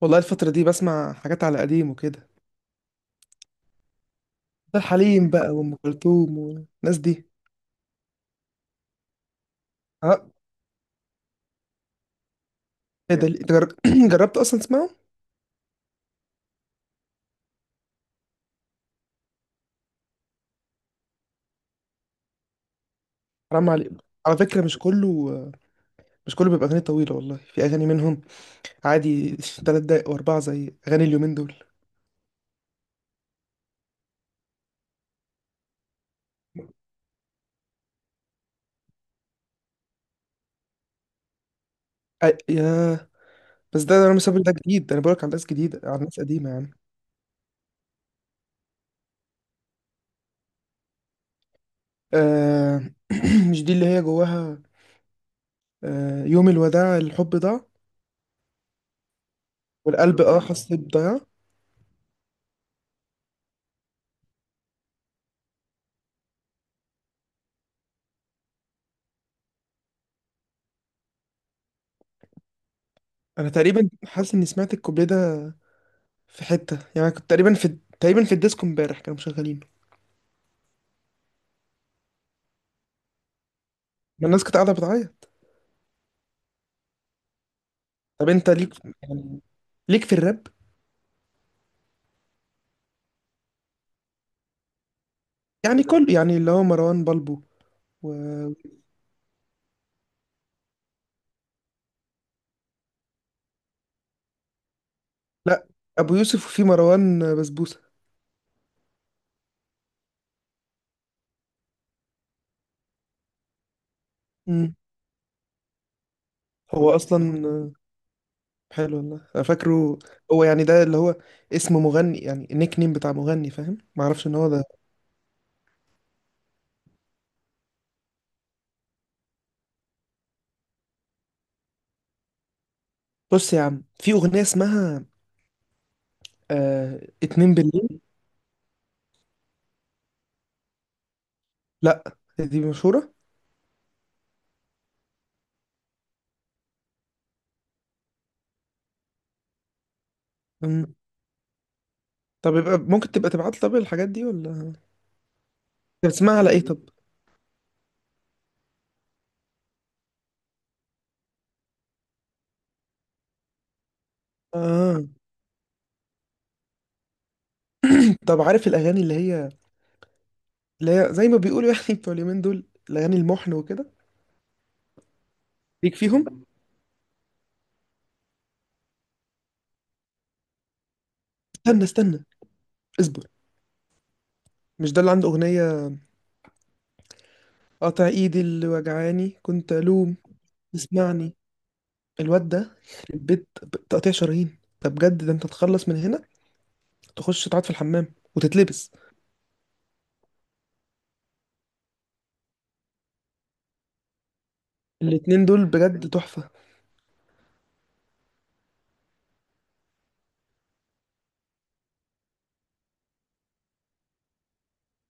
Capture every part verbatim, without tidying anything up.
والله الفترة دي بسمع حاجات على قديم وكده. ده الحليم بقى وأم كلثوم والناس دي. اه. ايه ده ليه؟ جر- جربت أصلا تسمعه؟ حرام عليك. على فكرة مش كله مش كله بيبقى أغاني طويلة، والله في أغاني منهم عادي تلات دقايق وأربعة زي أغاني اليومين دول. أ- ياه. بس ده أنا مسافر، ده جديد، ده أنا بقولك على ناس جديدة على ناس قديمة يعني. آه. مش دي اللي هي جواها. آه يوم الوداع الحب ضاع، والقلب اه حس بضياع. أنا تقريبا حاسس إني سمعت الكوبليه ده في حتة، يعني كنت تقريبا في تقريبا في الديسكو امبارح كانوا مشغلينه. ما الناس كانت قاعدة بتعيط. طب انت ليك، يعني ليك في الراب؟ يعني كل يعني اللي هو مروان بلبو و... لا. ابو يوسف وفي مروان بسبوسة. مم. هو اصلا حلو والله، انا فاكره. هو يعني ده اللي هو اسم مغني، يعني النيك نيم بتاع مغني، فاهم؟ ما اعرفش ان هو ده. بص يا عم، في اغنية اسمها آه... اتنين بالليل. لا، دي مشهورة. مم. طب يبقى ممكن تبقى تبعت لي طب الحاجات دي ولا؟ بتسمعها على ايه طب؟ اه. طب عارف الاغاني اللي هي اللي هي زي ما بيقولوا، يعني بتوع اليومين دول، الاغاني المحن وكده؟ ليك فيهم؟ استنى استنى اصبر، مش ده اللي عنده اغنيه قاطع ايدي اللي وجعاني كنت الوم؟ اسمعني، الواد ده يخرب بيت، تقطيع شرايين، ده بجد، ده انت تخلص من هنا تخش تقعد في الحمام وتتلبس. الاتنين دول بجد تحفه.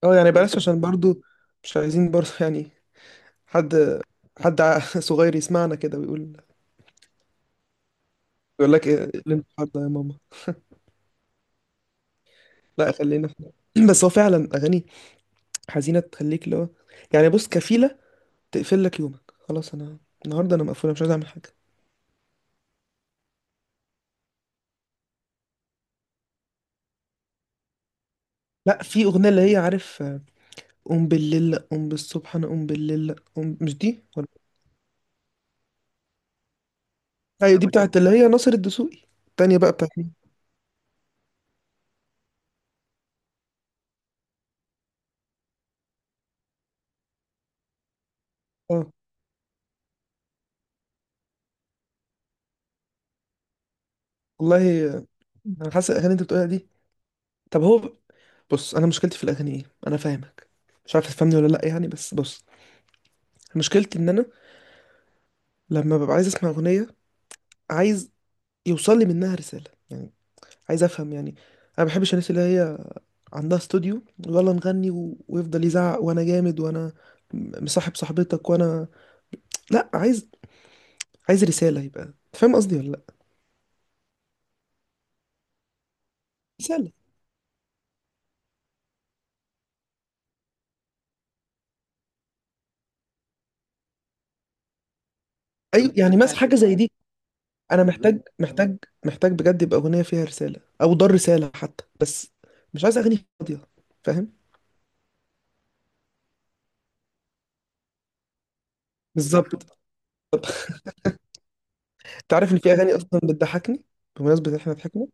اه يعني بلاش عشان برضو مش عايزين برضو يعني حد حد صغير يسمعنا كده ويقول، يقول لك ايه اللي انت، ده يا ماما. لا خلينا في بس هو فعلا اغاني حزينه تخليك اللي هو، يعني بص، كفيله تقفل لك يومك خلاص. انا النهارده انا مقفوله، مش عايز اعمل حاجه. لا، في اغنيه اللي هي، عارف، آه، قوم بالليل لأ، قوم بالصبح انا قوم بالليل لأ، قوم، مش دي ولا؟ ايوه، دي بتاعت اللي هي ناصر الدسوقي. التانية بقى بتاعت مين؟ اه والله. آه، انا حاسس الاغاني اللي انت بتقولها دي، طب هو، بص انا مشكلتي في الاغاني ايه، انا فاهمك. مش عارف تفهمني ولا لا يعني، بس بص، مشكلتي ان انا لما ببقى عايز اسمع اغنيه، عايز يوصل لي منها رساله يعني، عايز افهم يعني. انا ما بحبش الناس اللي هي عندها استوديو، يلا نغني و... ويفضل يزعق وانا جامد وانا م- مصاحب صاحبتك وانا لا، عايز، عايز رسالة، يبقى أنت فاهم قصدي ولا لا؟ رسالة. ايوه يعني مثلا حاجة زي دي. انا محتاج محتاج محتاج بجد يبقى اغنية فيها رسالة او دار رسالة حتى، بس مش عايز اغاني فاضية. فاهم. بالظبط طب انت عارف ان في اغاني اصلا بتضحكني، بمناسبة إن احنا ضحكنا؟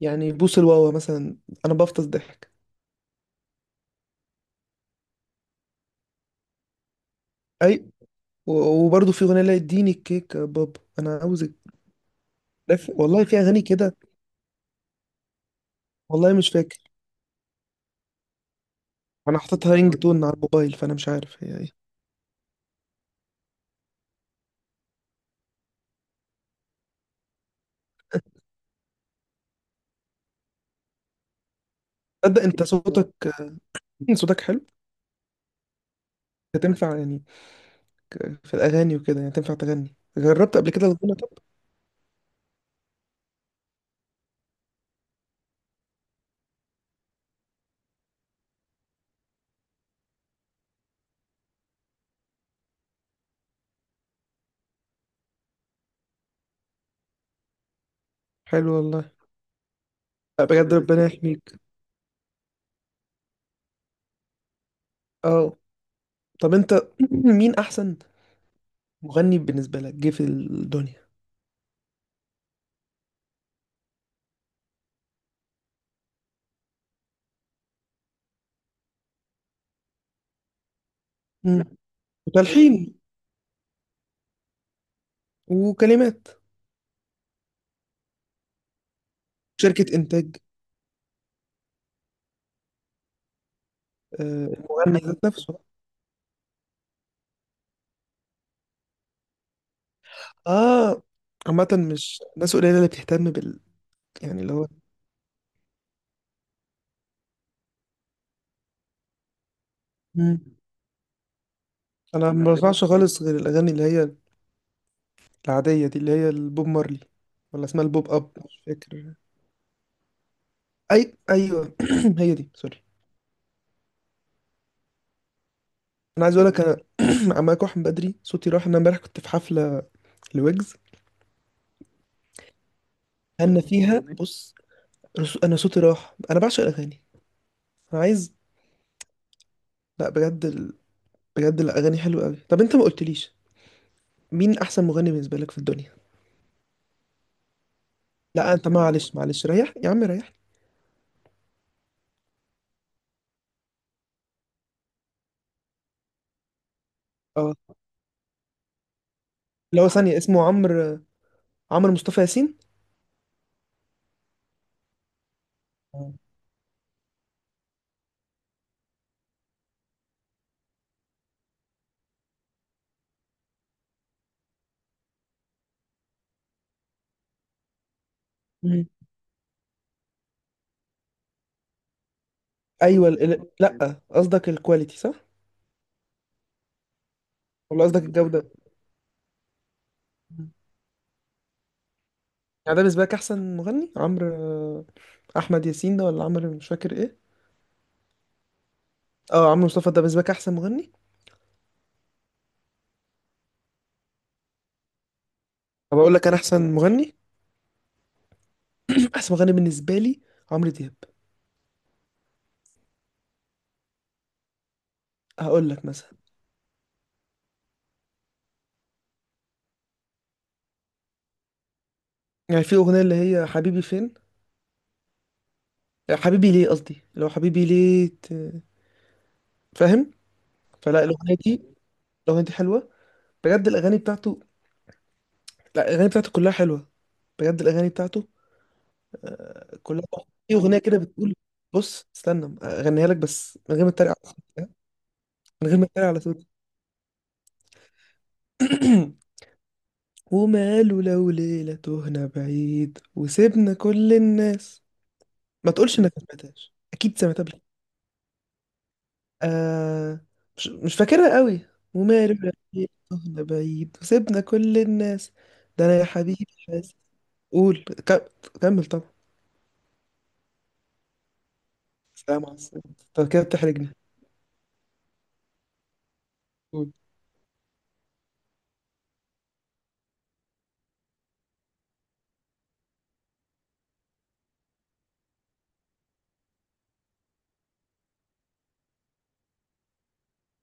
يعني بوس الواوا مثلا، انا بفطس ضحك. اي. و- وبرضه في اغنيه لا اديني الكيك يا بابا انا عاوزك. لا، في- والله في اغاني كده. والله مش فاكر. انا حاططها رينج تون على الموبايل، فانا مش عارف هي ايه. تصدق انت صوتك صوتك حلو. أنت تنفع يعني ك- في الاغاني وكده، يعني تنفع تغني؟ جربت قبل كده الغنى طب؟ حلو والله. لا، بجد ربنا يحميك. اه. طب انت مين احسن مغني بالنسبه لك جه في الدنيا؟ مم. وتلحين. وكلمات. شركه انتاج. آه، المغني ذات نفسه. اه. عامة مش ناس قليلة اللي بتهتم بال، يعني اللي هو. مم. انا ما بسمعش خالص غير الاغاني اللي هي العادية دي اللي هي البوب مارلي، ولا اسمها البوب اب، مش فاكر. اي ايوه هي دي، سوري. انا عايز اقول لك انا عمال اروح من بدري، صوتي راح، انا امبارح كنت في حفلة لويجز. غنى فيها، بص، رس- انا صوتي راح، انا بعشق الاغاني. انا عايز، لا بجد ال... بجد الاغاني حلوة قوي. طب انت ما قلتليش مين احسن مغني بالنسبة لك في الدنيا. لا انت معلش معلش، ريح يا عم ريح. اللي هو ثانية اسمه عمرو؟ عمرو مصطفى ياسين. مم. ايوه ال... ال- لا قصدك الكواليتي صح؟ ولا قصدك الجودة؟ مم. يعني ده بالنسبة لك احسن مغني، عمرو احمد ياسين ده ولا عمرو مش فاكر ايه؟ اه عمرو مصطفى ده بالنسبة لك احسن مغني. طب اقول لك انا احسن مغني؟ احسن مغني بالنسبة لي عمرو دياب. هقول لك مثلا، يعني في اغنية اللي هي حبيبي فين، آه، حبيبي ليه، قصدي لو، حبيبي ليه ت- فاهم. فلا الاغنية دي، الاغنية دي حلوة، بجد الاغاني بتاعته. لا الاغاني بتاعته كلها حلوة، بجد الاغاني بتاعته آه، كلها تحفة. في اغنيه كده بتقول، بص استنى اغنيها لك بس من غير ما اتريق على صوتي، ها؟ من غير ما اتريق على صوتي. وماله لو ليله تهنا بعيد وسيبنا كل الناس. ما تقولش انك ما سمعتهاش، اكيد سمعتها قبل كده. آه. مش مش فاكرها قوي. وماله لو ليله تهنا بعيد وسيبنا كل الناس، ده انا يا حبيبي حاسس. قول ك- كمل طبعا. سلام على السلامة. انت كده بتحرجني. قول.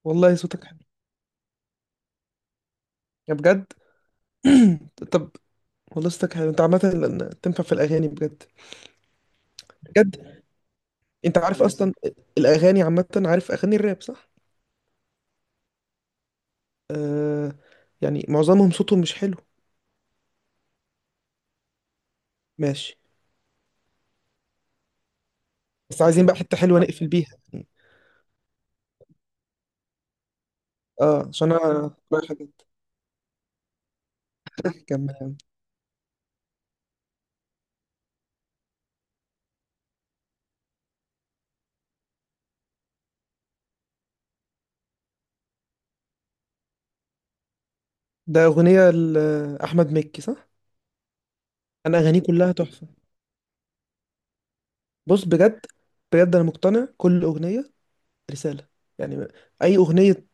والله صوتك حلو، يا بجد. طب والله صوتك حلو، انت عامة لأن تنفع في الأغاني بجد. بجد. انت عارف أصلا الأغاني عامة، عارف أغاني الراب صح؟ آه. يعني معظمهم صوتهم مش حلو. ماشي. بس عايزين بقى حتة حلوة نقفل بيها يعني. اه عشان انا رايح كمان. ده أغنية لأحمد مكي صح؟ أنا أغانيه كلها تحفة. بص بجد، بجد أنا مقتنع كل أغنية رسالة، يعني أي أغنية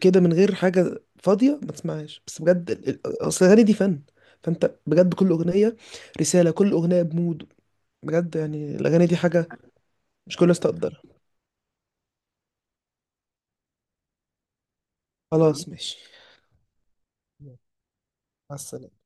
كده من غير حاجة فاضية ما تسمعهاش، بس بجد ال- ال- أصل الأغاني دي فن، فأنت بجد كل أغنية رسالة، كل أغنية بمود، بجد يعني الأغاني دي حاجة مش كل الناس تقدرها. خلاص ماشي. مع السلامة